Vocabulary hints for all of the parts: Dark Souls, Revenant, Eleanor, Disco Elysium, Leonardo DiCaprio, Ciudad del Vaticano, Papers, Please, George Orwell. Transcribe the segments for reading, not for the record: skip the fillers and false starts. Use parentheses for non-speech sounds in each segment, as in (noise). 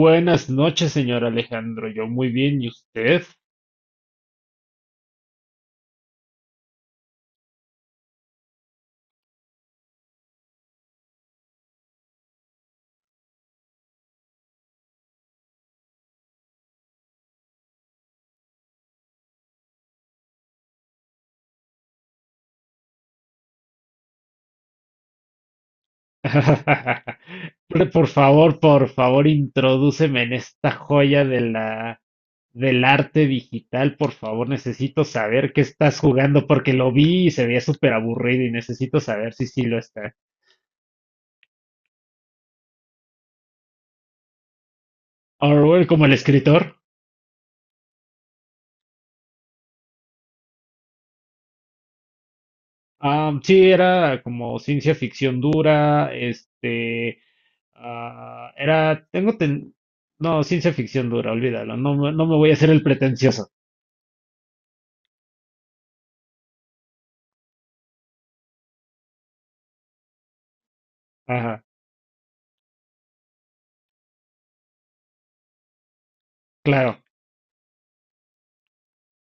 Buenas noches, señor Alejandro. Yo muy bien, ¿y usted? (laughs) Pero, por favor, por favor, introdúceme en esta joya de la del arte digital. Por favor, necesito saber qué estás jugando porque lo vi y se veía súper aburrido y necesito saber si sí lo está. Orwell como el escritor. Ah, sí, era como ciencia ficción dura, Ah, era, tengo, ten- no, ciencia ficción dura, olvídalo, no, no me voy a hacer el pretencioso. Ajá, claro,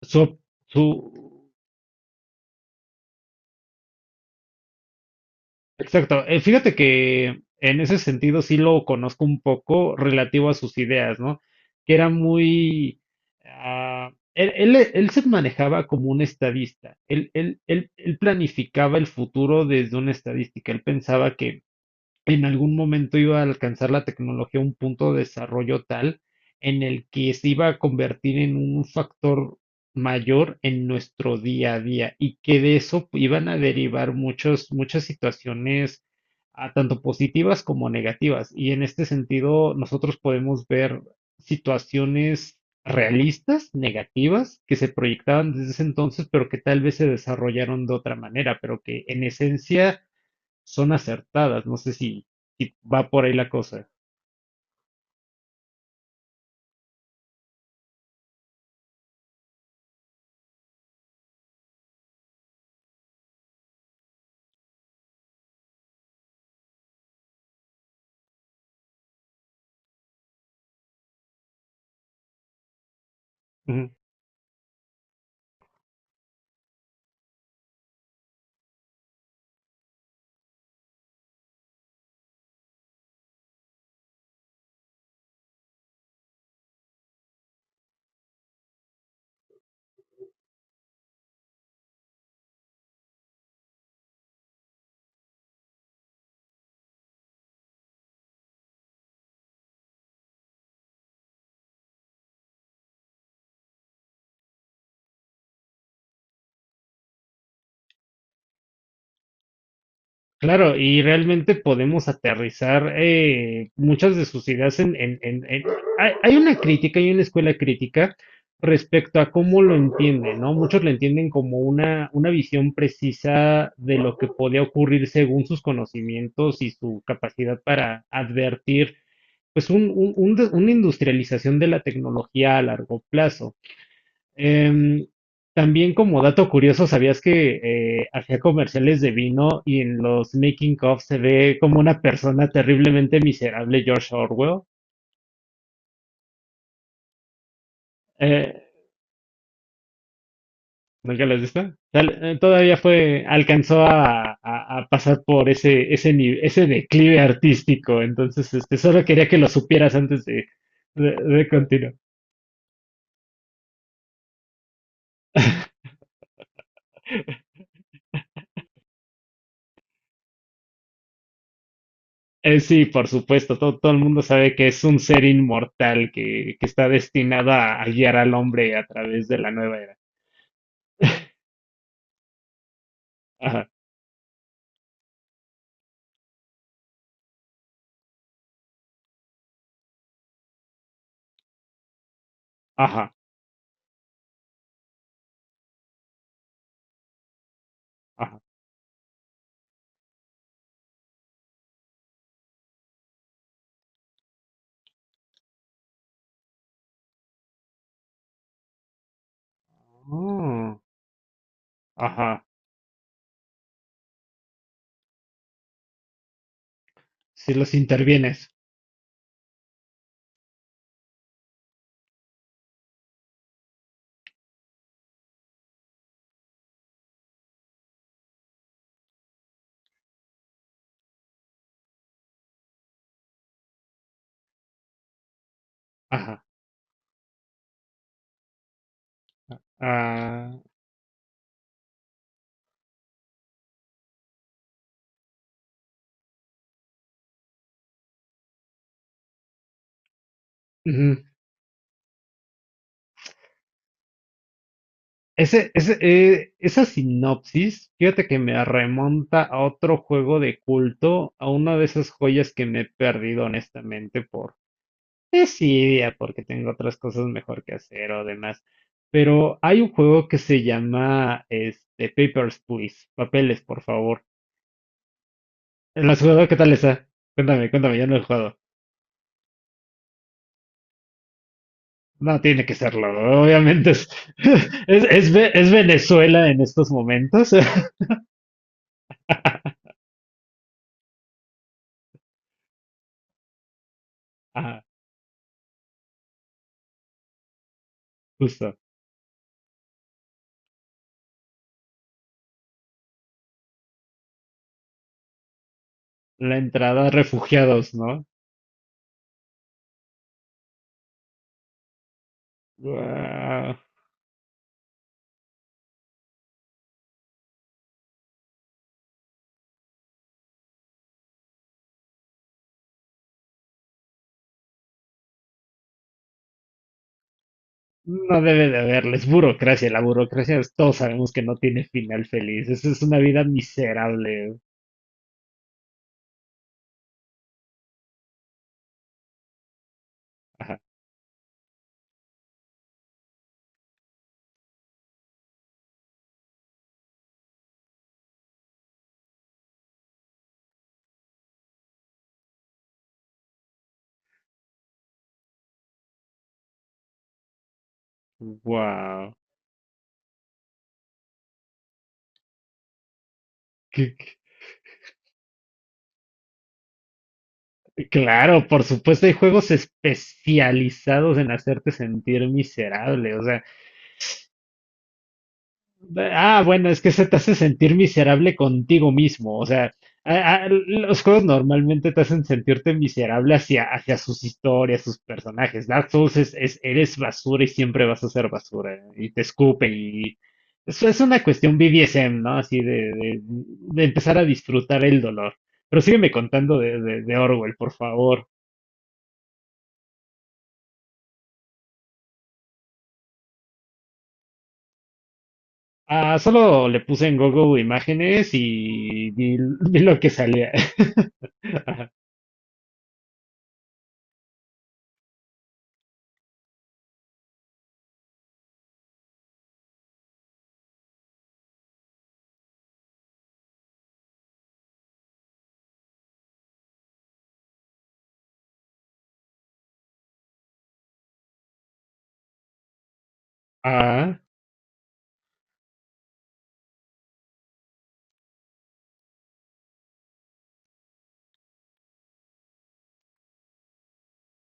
su, su, exacto. Fíjate que en ese sentido sí lo conozco un poco relativo a sus ideas, ¿no? Que era muy, él se manejaba como un estadista, él planificaba el futuro desde una estadística, él pensaba que en algún momento iba a alcanzar la tecnología un punto de desarrollo tal en el que se iba a convertir en un factor mayor en nuestro día a día y que de eso iban a derivar muchas situaciones, tanto positivas como negativas. Y en este sentido, nosotros podemos ver situaciones realistas, negativas, que se proyectaban desde ese entonces, pero que tal vez se desarrollaron de otra manera, pero que en esencia son acertadas. No sé si va por ahí la cosa. Ujú. Claro, y realmente podemos aterrizar muchas de sus ideas . Hay una crítica, hay una escuela crítica respecto a cómo lo entienden, ¿no? Muchos lo entienden como una visión precisa de lo que podía ocurrir según sus conocimientos y su capacidad para advertir, pues, una industrialización de la tecnología a largo plazo. Em, también como dato curioso, ¿sabías que hacía comerciales de vino y en los making of se ve como una persona terriblemente miserable, George Orwell? Eh, ¿nunca lo has visto? Todavía fue, alcanzó a pasar por ese, ese, ni- ese declive artístico, entonces solo quería que lo supieras antes de continuar. Sí, por supuesto, todo el mundo sabe que es un ser inmortal que está destinado a guiar al hombre a través de la nueva era. Ajá, ajá, ajá, oh, ajá, si los intervienes. Ajá. ah, Ujú. Esa sinopsis, fíjate que me remonta a otro juego de culto, a una de esas joyas que me he perdido honestamente. Desidia, porque tengo otras cosas mejor que hacer o demás. Pero hay un juego que se llama Papers, Please. Papeles, por favor. ¿La has jugado? ¿Qué tal está? Cuéntame, cuéntame, yo no he jugado. No tiene que serlo, obviamente. Es, (laughs) es Venezuela en estos momentos. (laughs) Ah, justo. La entrada, refugiados, ¿no? Guau. No debe de haberles burocracia. La burocracia, todos sabemos que no tiene final feliz. Es una vida miserable. Wow. Que- que- Claro, por supuesto, hay juegos especializados en hacerte sentir miserable. O sea, bueno, es que se te hace sentir miserable contigo mismo. O sea, los juegos normalmente te hacen sentirte miserable hacia, sus historias, sus personajes. Dark Souls eres basura y siempre vas a ser basura. Y te escupen y. Eso es una cuestión BDSM, ¿no? Así de empezar a disfrutar el dolor. Pero sígueme contando de Orwell, por favor. Ah, solo le puse en Google imágenes y vi lo que salía. (laughs) Ah.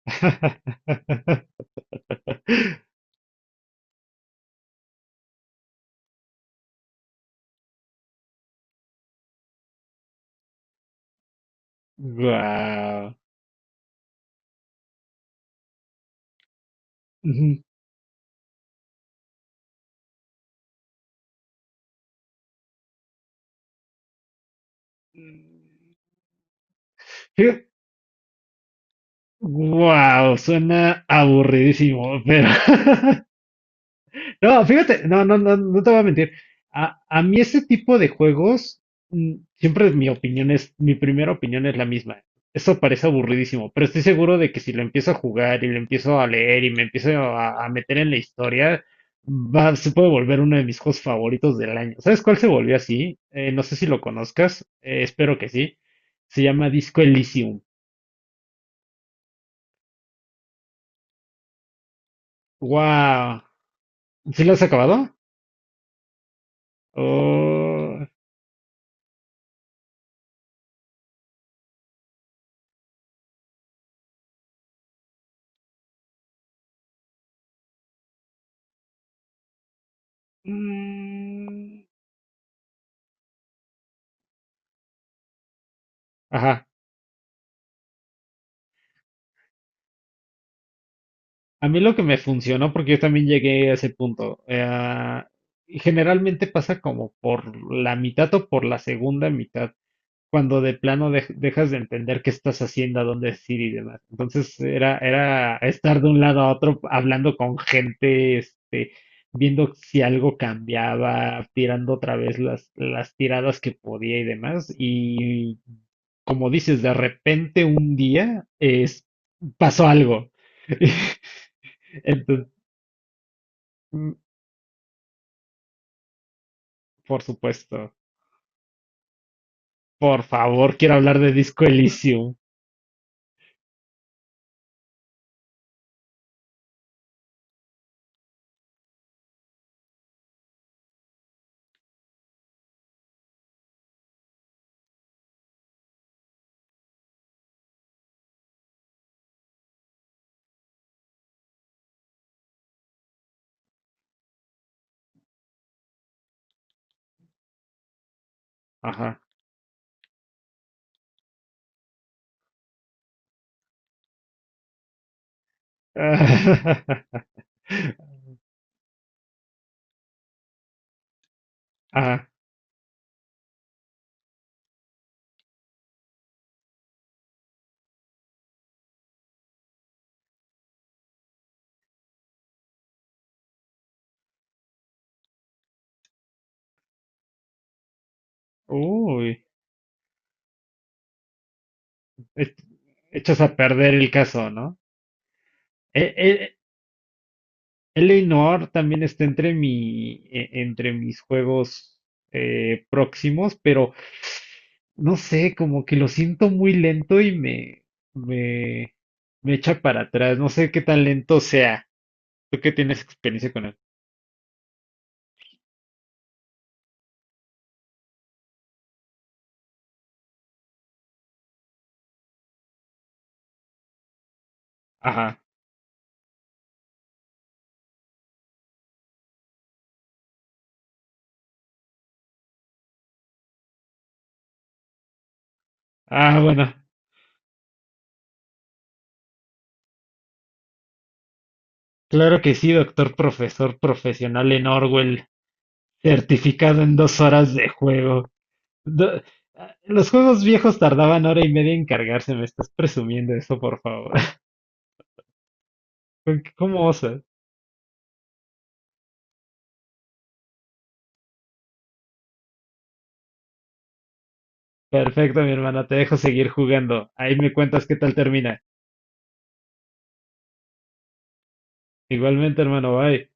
(laughs) Wow. Wow, suena aburridísimo, pero (laughs) No, fíjate, no, no, no, no te voy a mentir. A mí ese tipo de juegos, siempre mi opinión es, mi primera opinión es la misma. Eso parece aburridísimo, pero estoy seguro de que si lo empiezo a jugar y lo empiezo a leer y me empiezo a meter en la historia, va, se puede volver uno de mis juegos favoritos del año. ¿Sabes cuál se volvió así? No sé si lo conozcas, espero que sí. Se llama Disco Elysium. ¡Wow! ¿Sí lo has acabado? Oh, mm, ajá. A mí lo que me funcionó, porque yo también llegué a ese punto, generalmente pasa como por la mitad o por la segunda mitad, cuando de plano dejas de entender qué estás haciendo, a dónde es ir y demás. Entonces era estar de un lado a otro hablando con gente, viendo si algo cambiaba, tirando otra vez las tiradas que podía y demás. Y como dices, de repente un día pasó algo. (laughs) Mm. Por supuesto. Por favor, quiero hablar de Disco Elysium. Ajá. (laughs) Ah, uy. E- Echas a perder el caso, ¿no? E- e- Eleanor también está entre entre mis juegos próximos, pero no sé, como que lo siento muy lento y me, me echa para atrás. No sé qué tan lento sea. Tú que tienes experiencia con él. Ajá. Ah, bueno. Claro que sí, doctor profesor profesional en Orwell, certificado en 2 horas de juego. Do- los juegos viejos tardaban hora y media en cargarse, me estás presumiendo eso, por favor. (laughs) ¿Con ¿Cómo osas? Perfecto, mi hermana, te dejo seguir jugando. Ahí me cuentas qué tal termina. Igualmente, hermano, bye.